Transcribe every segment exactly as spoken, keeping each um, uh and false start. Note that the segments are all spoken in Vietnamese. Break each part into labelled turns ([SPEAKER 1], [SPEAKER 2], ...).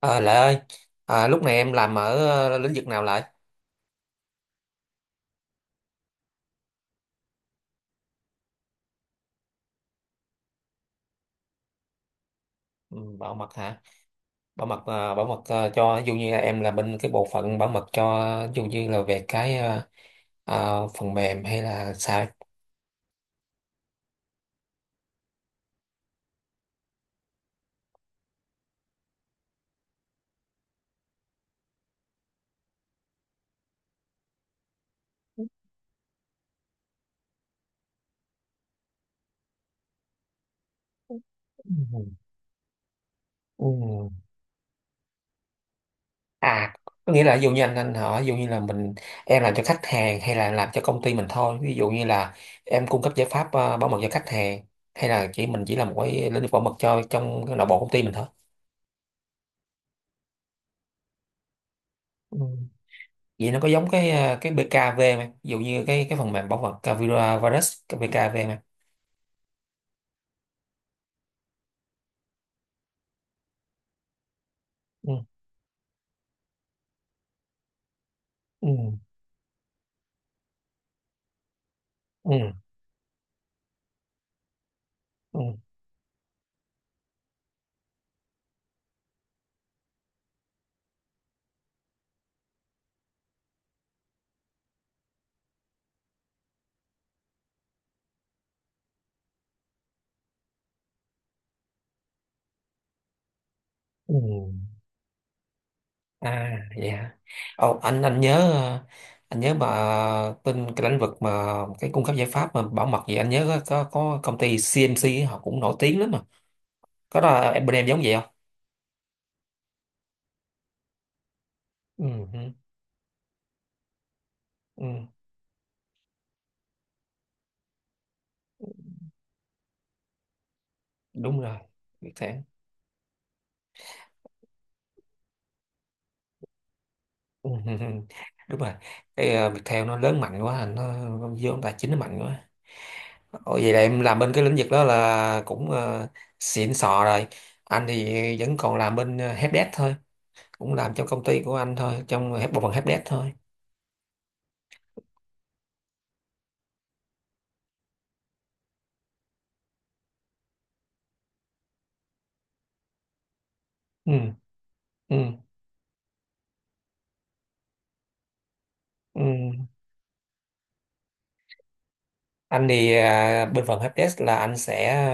[SPEAKER 1] À, Lệ ơi, à, lúc này em làm ở ờ, lĩnh vực nào Lệ? Ừ, bảo mật hả? Bảo mật ờ, bảo mật ờ, cho ví dụ như là em là bên cái bộ phận bảo mật cho ví dụ như là về cái ờ, ờ, phần mềm hay là sao? Ừ. Ừ. À, có nghĩa là ví dụ như anh anh hỏi ví dụ như là mình em làm cho khách hàng hay là làm cho công ty mình thôi. Ví dụ như là em cung cấp giải pháp ờ, bảo mật cho khách hàng hay là chỉ mình chỉ là một cái lĩnh vực bảo mật cho trong cái nội bộ công ty mình thôi. Vậy nó có giống cái ờ, cái bê ca vê không em, ví dụ như cái cái phần mềm bảo mật ờ, virus, virus cái bê ca vê không em? Ừ, ừ, ừ, ừ, ừ. À vậy hả. Ồ, anh anh nhớ, ờ, anh nhớ mà tin cái lĩnh vực mà cái cung cấp giải pháp mà bảo mật gì, anh nhớ có có, có công ty xê em xê họ cũng nổi tiếng lắm mà, có đó, em bên em giống vậy không? Ừ, ừ, ừ, đúng rồi. Viettel. Ừ, ừ, ừ. Đúng rồi, cái uh, Viettel nó lớn mạnh quá, nó, nó vô tài chính nó mạnh quá. Ồ, vậy là em làm bên cái lĩnh vực đó là cũng ờ, xịn sò rồi. Anh thì vẫn còn làm bên ờ, helpdesk thôi, cũng làm trong công ty của anh thôi, trong bộ phận helpdesk thôi. Ừ, ừ, ừ. Anh thì ờ, bên phần helpdesk là anh sẽ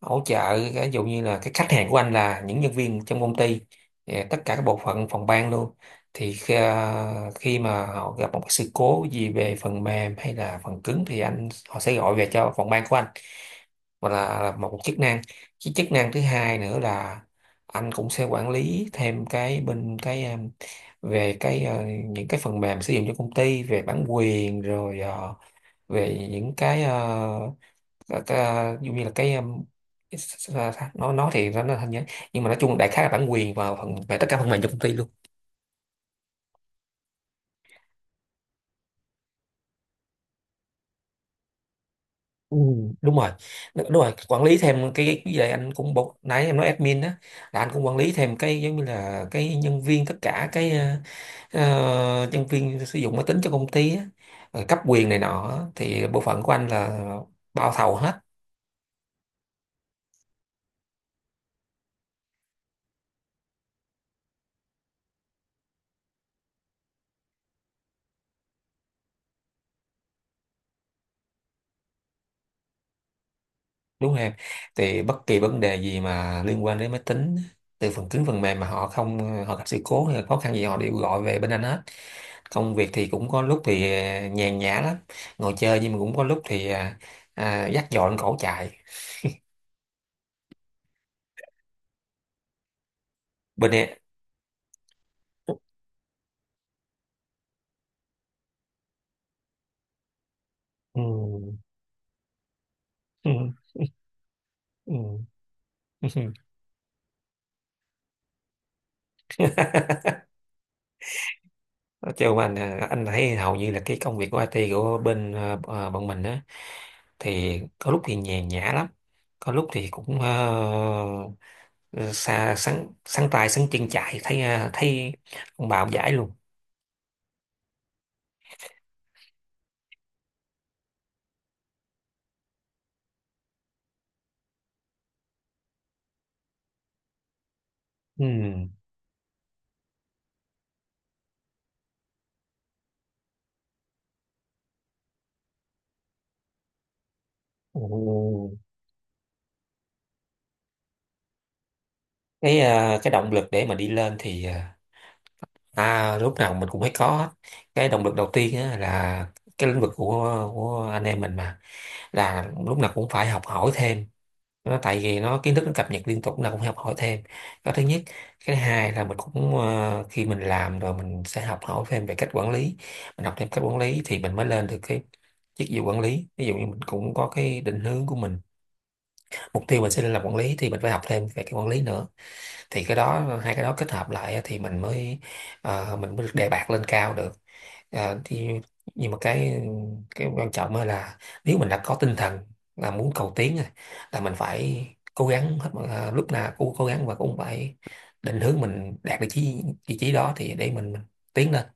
[SPEAKER 1] hỗ trợ, ví dụ như là cái khách hàng của anh là những nhân viên trong công ty, eh, tất cả các bộ phận phòng ban luôn, thì khi, à, khi mà họ gặp một cái sự cố gì về phần mềm hay là phần cứng thì anh họ sẽ gọi về cho phòng ban của anh, hoặc là, là một chức năng. Cái chức năng thứ hai nữa là anh cũng sẽ quản lý thêm cái bên cái em, về cái ờ, những cái phần mềm sử dụng cho công ty, về bản quyền rồi, ờ, về những cái ờ, và ta- Ví dụ như là cái um, cái s- s- nó nó thì nó nó hình nhé, nhưng mà nói chung đại khái là bản quyền vào phần về tất cả phần mềm cho công ty luôn. Ừ. Đúng rồi, đúng rồi, quản lý thêm cái cái gì đấy anh cũng bộ nãy em nói admin đó, là anh cũng quản lý thêm cái giống như là cái nhân viên, tất cả cái ờ, ờ, nhân viên sử dụng máy tính cho công ty á, rồi cấp quyền này nọ á. Thì bộ phận của anh là bao thầu hết. Đúng rồi em, thì bất kỳ vấn đề gì mà liên quan đến máy tính, từ phần cứng phần mềm mà họ không, họ gặp sự cố hay là khó khăn gì họ đều gọi về bên anh hết. Công việc thì cũng có lúc thì à, nhàn nhã lắm, ngồi chơi, nhưng mà cũng có lúc thì à, à, dắt dọn cổ chạy. Bên em. Ừ, ừ, ừ. Nói chung anh à, anh thấy hầu như là cái công việc của ai ti của bên à, à, bọn mình á, thì có lúc thì nhàn nhã lắm, có lúc thì cũng ờ, ừ, xa sáng sáng tay sáng chân chạy thấy à, thấy ông bà ông giải luôn. Ừ. Ừ. Cái à, cái động lực để mà đi lên thì à à, lúc nào mình cũng phải có hết. Cái động lực đầu tiên á, là cái lĩnh vực của của anh em mình mà, là lúc nào cũng phải học hỏi thêm, nó tại vì nó kiến thức nó cập nhật liên tục là cũng học hỏi thêm đó, thứ nhất. Cái thứ hai là mình cũng ờ, khi mình làm rồi mình sẽ học hỏi thêm về cách quản lý, mình học thêm cách quản lý thì mình mới lên được cái chức vụ quản lý. Ví dụ như mình cũng có cái định hướng của mình, mục tiêu mình sẽ lên làm quản lý thì mình phải học thêm về cái quản lý nữa, thì cái đó hai cái đó kết hợp lại á, thì mình mới ờ, mình mới được đề bạt lên cao được. À, thì nhưng mà cái cái quan trọng á là, nếu mình đã có tinh thần là muốn cầu tiến rồi, là mình phải cố gắng hết mọi- à, lúc nào cũng cố gắng và cũng phải định hướng mình đạt được chí vị trí đó, thì để mình, mình tiến lên.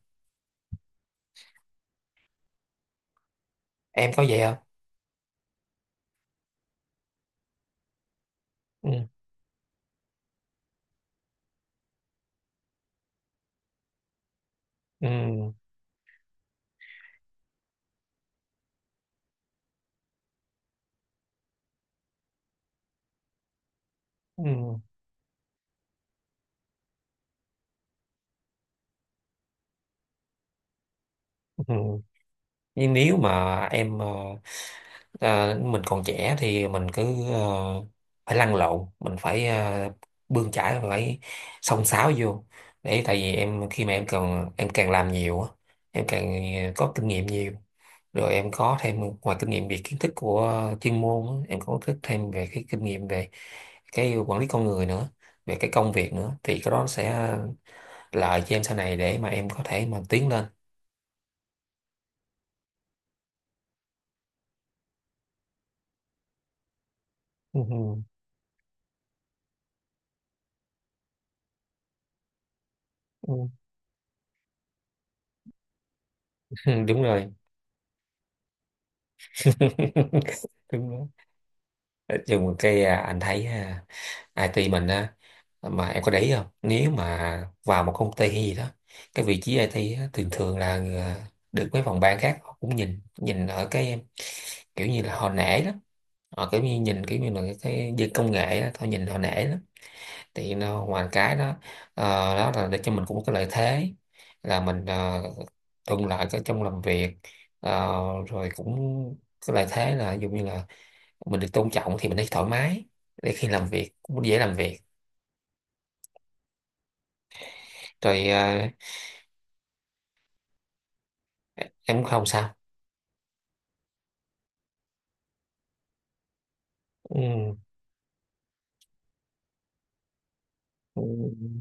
[SPEAKER 1] Em có vậy không? Ừ. Ừ. Ừ. Ừ. Nhưng nếu mà em ờ, ờ, mình còn trẻ thì mình cứ ờ, phải lăn lộn, mình phải ờ, bươn chải, phải xông xáo vô, để tại vì em khi mà em còn em càng làm nhiều á, em càng ờ, có kinh nghiệm nhiều, rồi em có thêm ngoài kinh nghiệm về kiến thức của chuyên môn á, em có thức thêm về cái kinh nghiệm về cái quản lý con người nữa, về cái công việc nữa, thì cái đó sẽ lợi cho em sau này để mà em có thể mà tiến lên. Ừ, ừ, ừ. Đúng rồi. Đúng đó. Nói chung cái à, anh thấy à, ai ti mình á, mà em có để ý không, nếu mà vào một công ty hay gì đó, cái vị trí ai ti á, thường thường là à, được mấy phòng ban khác họ cũng nhìn nhìn ở cái kiểu như là họ nể lắm, họ kiểu như nhìn kiểu như là cái cái dân công nghệ á, họ nhìn họ nể lắm. Thì nó ngoài cái đó, ờ, đó là để cho mình cũng có lợi thế là mình uh, thuận lợi cái trong làm việc. Ờ, rồi cũng cái lợi thế là ví dụ như là mình được tôn trọng thì mình thấy thoải mái, để khi làm việc cũng dễ làm việc. Rồi à, em cũng không sao. Ừ, ừ,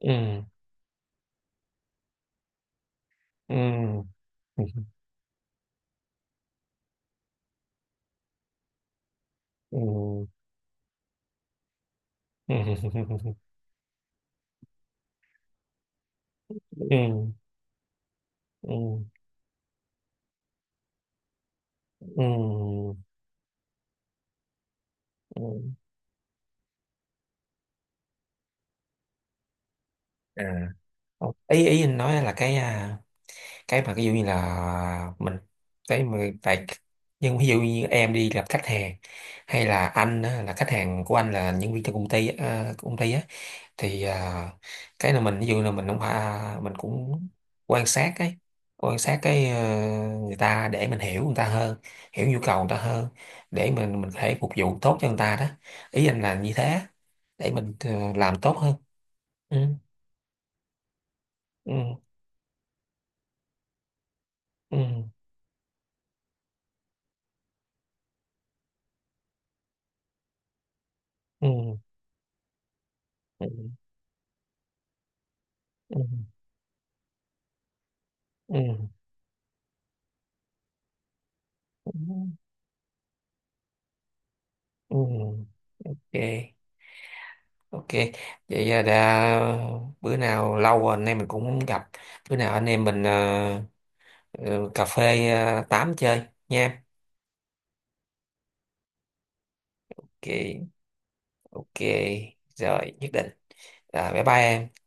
[SPEAKER 1] ừ, ừ, ừ, ừ, ừ, ừ, ừ, ừ, ừ. À, không. Ý ý anh nói là cái à, cái mà ví dụ như là mình, cái mà tại, nhưng ví dụ như em đi gặp khách hàng, hay là anh á, là khách hàng của anh là nhân viên trong công ty á, à, công ty á, thì à, cái là mình ví dụ là mình không phải à, mình cũng quan sát cái quan sát cái ờ, người ta, để mình hiểu người ta hơn, hiểu nhu cầu người ta hơn, để mình mình có thể phục vụ tốt cho người ta đó. Ý anh là như thế, để mình ờ, làm tốt hơn. Ừ, ừ, ừ, ừ, ừ, ừ, ừ, ừ, ừ. Ok, ok, vậy à, đã bữa nào lâu rồi anh em mình cũng không gặp, bữa nào anh em mình ờ, ừ, cà phê à, tám chơi nha. Ok, ok, rồi nhất định. Rồi, bye bye em.